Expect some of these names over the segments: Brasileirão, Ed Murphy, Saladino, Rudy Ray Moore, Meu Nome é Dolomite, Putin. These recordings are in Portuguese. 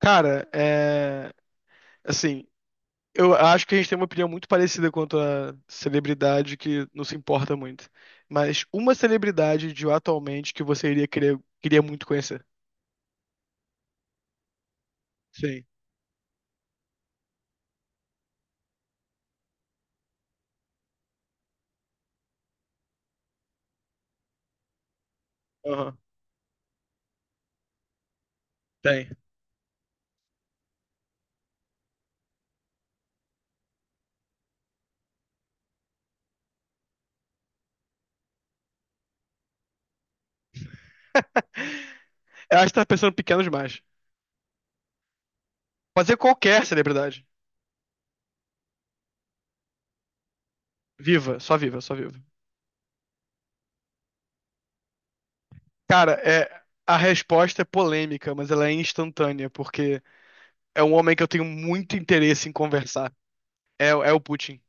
Cara, é. Assim, eu acho que a gente tem uma opinião muito parecida quanto a celebridade que não se importa muito. Mas uma celebridade de atualmente que você queria muito conhecer. Sim. Aham. Tem. Eu acho que tá pensando pequeno demais. Pode ser qualquer celebridade. Viva, só viva, só viva. Cara, é. A resposta é polêmica, mas ela é instantânea, porque é um homem que eu tenho muito interesse em conversar. É o Putin.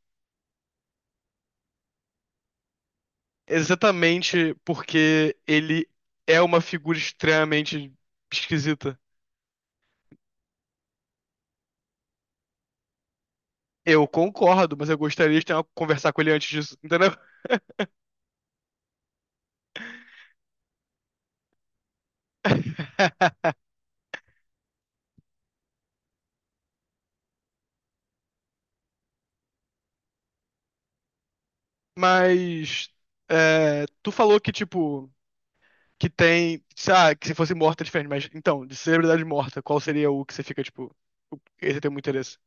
Exatamente porque ele é uma figura extremamente esquisita. Eu concordo, mas eu gostaria de ter conversar com ele antes disso, entendeu? Mas é, tu falou que, tipo, que tem. Ah, que se fosse morta é diferente, mas então, de celebridade morta, qual seria o que você fica, tipo, esse tem muito interesse?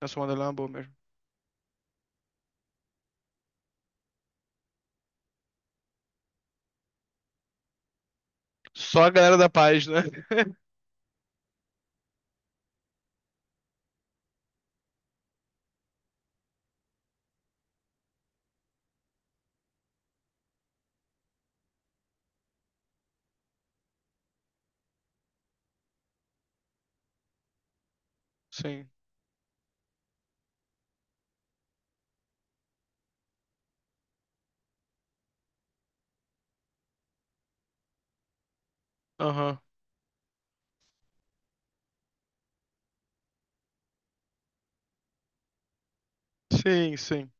Na sua mandala é uma boa mesmo. Só a galera da paz, né? Sim. Aham. Sim, sim.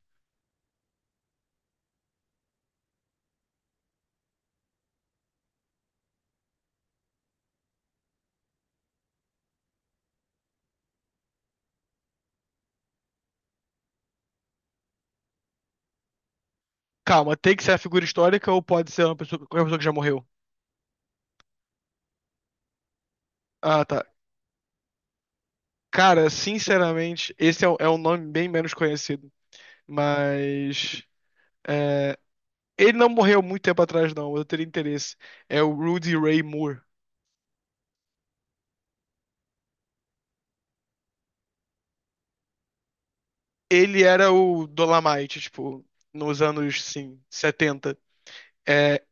Calma, tem que ser a figura histórica ou pode ser uma pessoa, qualquer pessoa que já morreu? Ah, tá. Cara, sinceramente, esse é, é um nome bem menos conhecido. Mas. é, ele não morreu muito tempo atrás, não. Eu teria interesse. É o Rudy Ray Moore. Ele era o Dolomite, tipo, nos anos, sim, 70. É,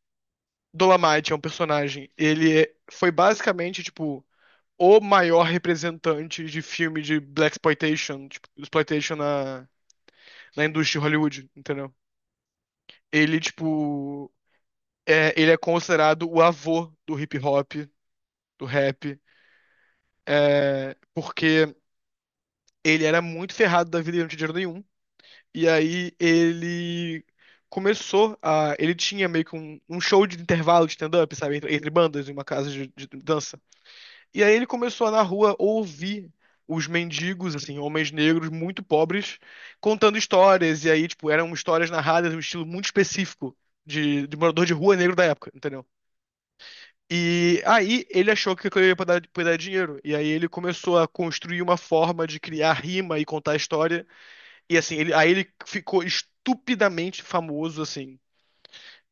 Dolomite é um personagem. Ele foi basicamente, tipo, o maior representante de filme de Black Exploitation, tipo, exploitation na, na indústria de Hollywood, entendeu? Ele, tipo. Ele é considerado o avô do hip hop, do rap, porque ele era muito ferrado da vida e não tinha dinheiro nenhum. E aí ele começou a. Ele tinha meio que um show de intervalo de stand-up, sabe? Entre bandas, em uma casa de dança. E aí ele começou a, na rua ouvir os mendigos, assim, homens negros muito pobres, contando histórias. E aí, tipo, eram histórias narradas num estilo muito específico de morador de rua negro da época, entendeu? E aí ele achou que aquilo ia dar, poder dar dinheiro. E aí ele começou a construir uma forma de criar rima e contar a história. E assim, ele, aí ele ficou estupidamente famoso, assim.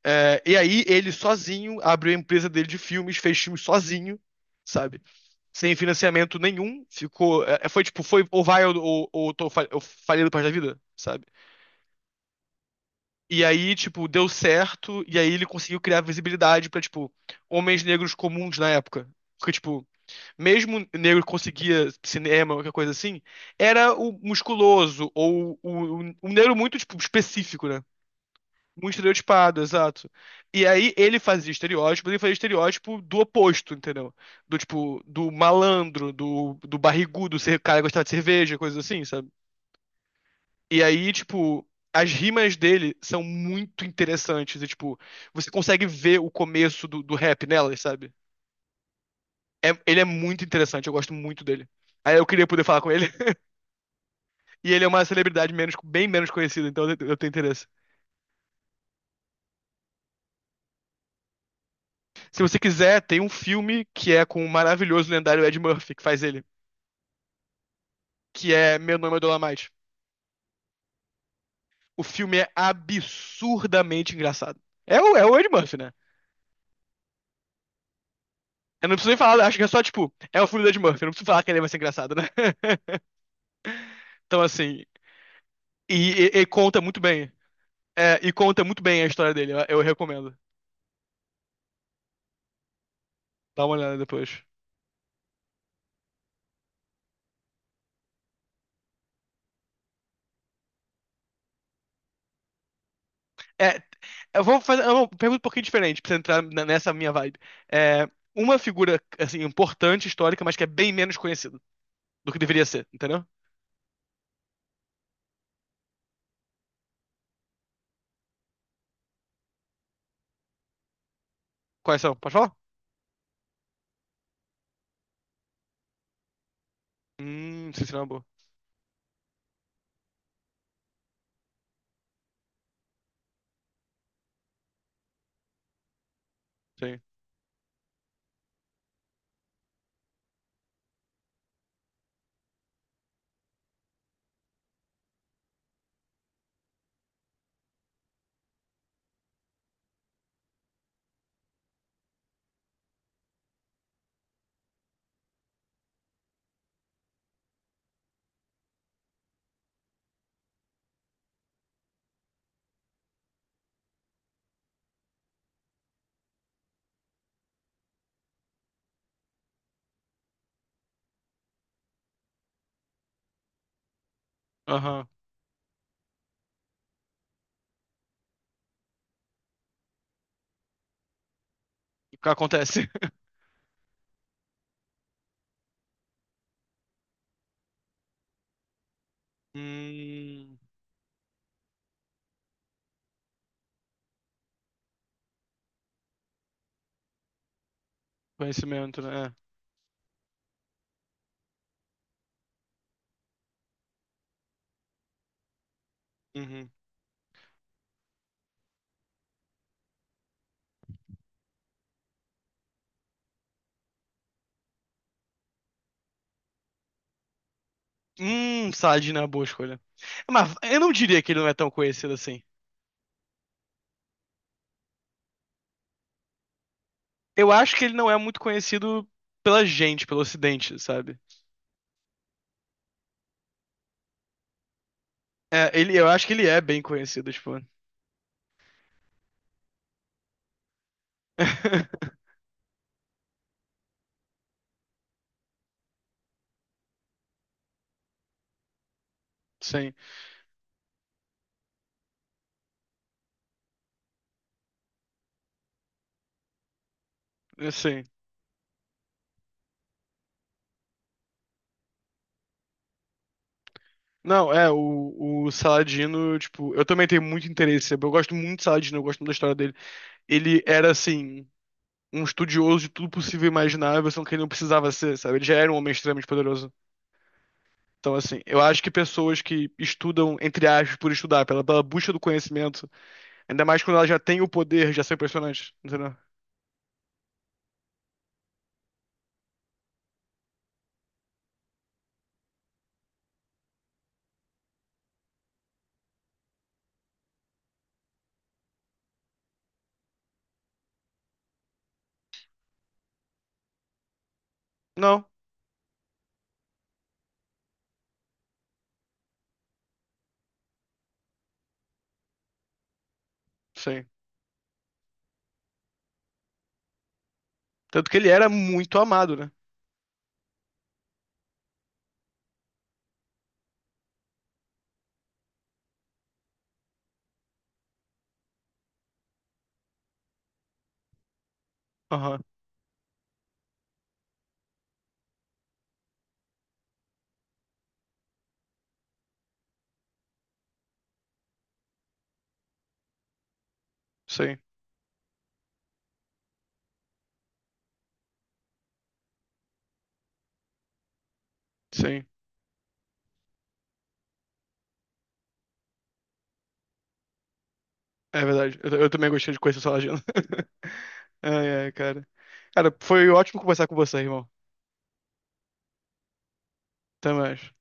É, e aí ele sozinho abriu a empresa dele de filmes, fez filmes sozinho, sabe? Sem financiamento nenhum. Ficou. Foi tipo, foi ou vai ou eu falei do parte da vida, sabe? E aí, tipo, deu certo, e aí ele conseguiu criar visibilidade pra, tipo, homens negros comuns na época. Porque, tipo, mesmo negro conseguia cinema, qualquer coisa assim, era o musculoso, ou o, um negro muito tipo, específico, né? Muito estereotipado, exato. E aí ele fazia estereótipo do oposto, entendeu? Do tipo, do malandro, do barrigudo, cara que gostava de cerveja, coisa assim, sabe? E aí, tipo, as rimas dele são muito interessantes. E, tipo, você consegue ver o começo do rap nelas, sabe? Ele é muito interessante, eu gosto muito dele. Aí eu queria poder falar com ele. E ele é uma celebridade menos, bem menos conhecida, então eu tenho interesse. Se você quiser, tem um filme que é com o maravilhoso lendário Ed Murphy, que faz ele, que é Meu Nome é Dolomite. O filme é absurdamente engraçado. É o Ed Murphy, né? Eu não preciso nem falar, acho que é só, tipo, é o filme do Ed Murphy, eu não preciso falar que ele vai ser engraçado, né? Então, assim, e, e conta muito bem. É, e conta muito bem a história dele, eu recomendo. Dá uma olhada depois. É, eu vou fazer uma pergunta um pouquinho diferente pra você entrar nessa minha vibe. É, uma figura, assim, importante, histórica, mas que é bem menos conhecida do que deveria ser, entendeu? Quais são? Pode falar? Sim, sim, é uma boa. Sim. Aham. O que acontece? Hum, conhecimento, né? É. Uhum. Saad não é uma boa escolha. Mas eu não diria que ele não é tão conhecido assim. Eu acho que ele não é muito conhecido pela gente, pelo ocidente, sabe? É, ele, eu acho que ele é bem conhecido, tipo. Sim, sim. Não, o Saladino, tipo, eu também tenho muito interesse, eu gosto muito de Saladino, eu gosto muito da história dele. Ele era, assim, um estudioso de tudo possível e imaginável, só que ele não precisava ser, sabe? Ele já era um homem extremamente poderoso. Então, assim, eu acho que pessoas que estudam, entre aspas, por estudar, pela busca do conhecimento, ainda mais quando ela já tem o poder, já são impressionantes, entendeu? Não, sim. Tanto que ele era muito amado, né? Aham, sim, sim. É verdade. Eu também gostei de conhecer sua agenda. Ai, ai, cara. Cara, foi ótimo conversar com você, irmão. Até mais.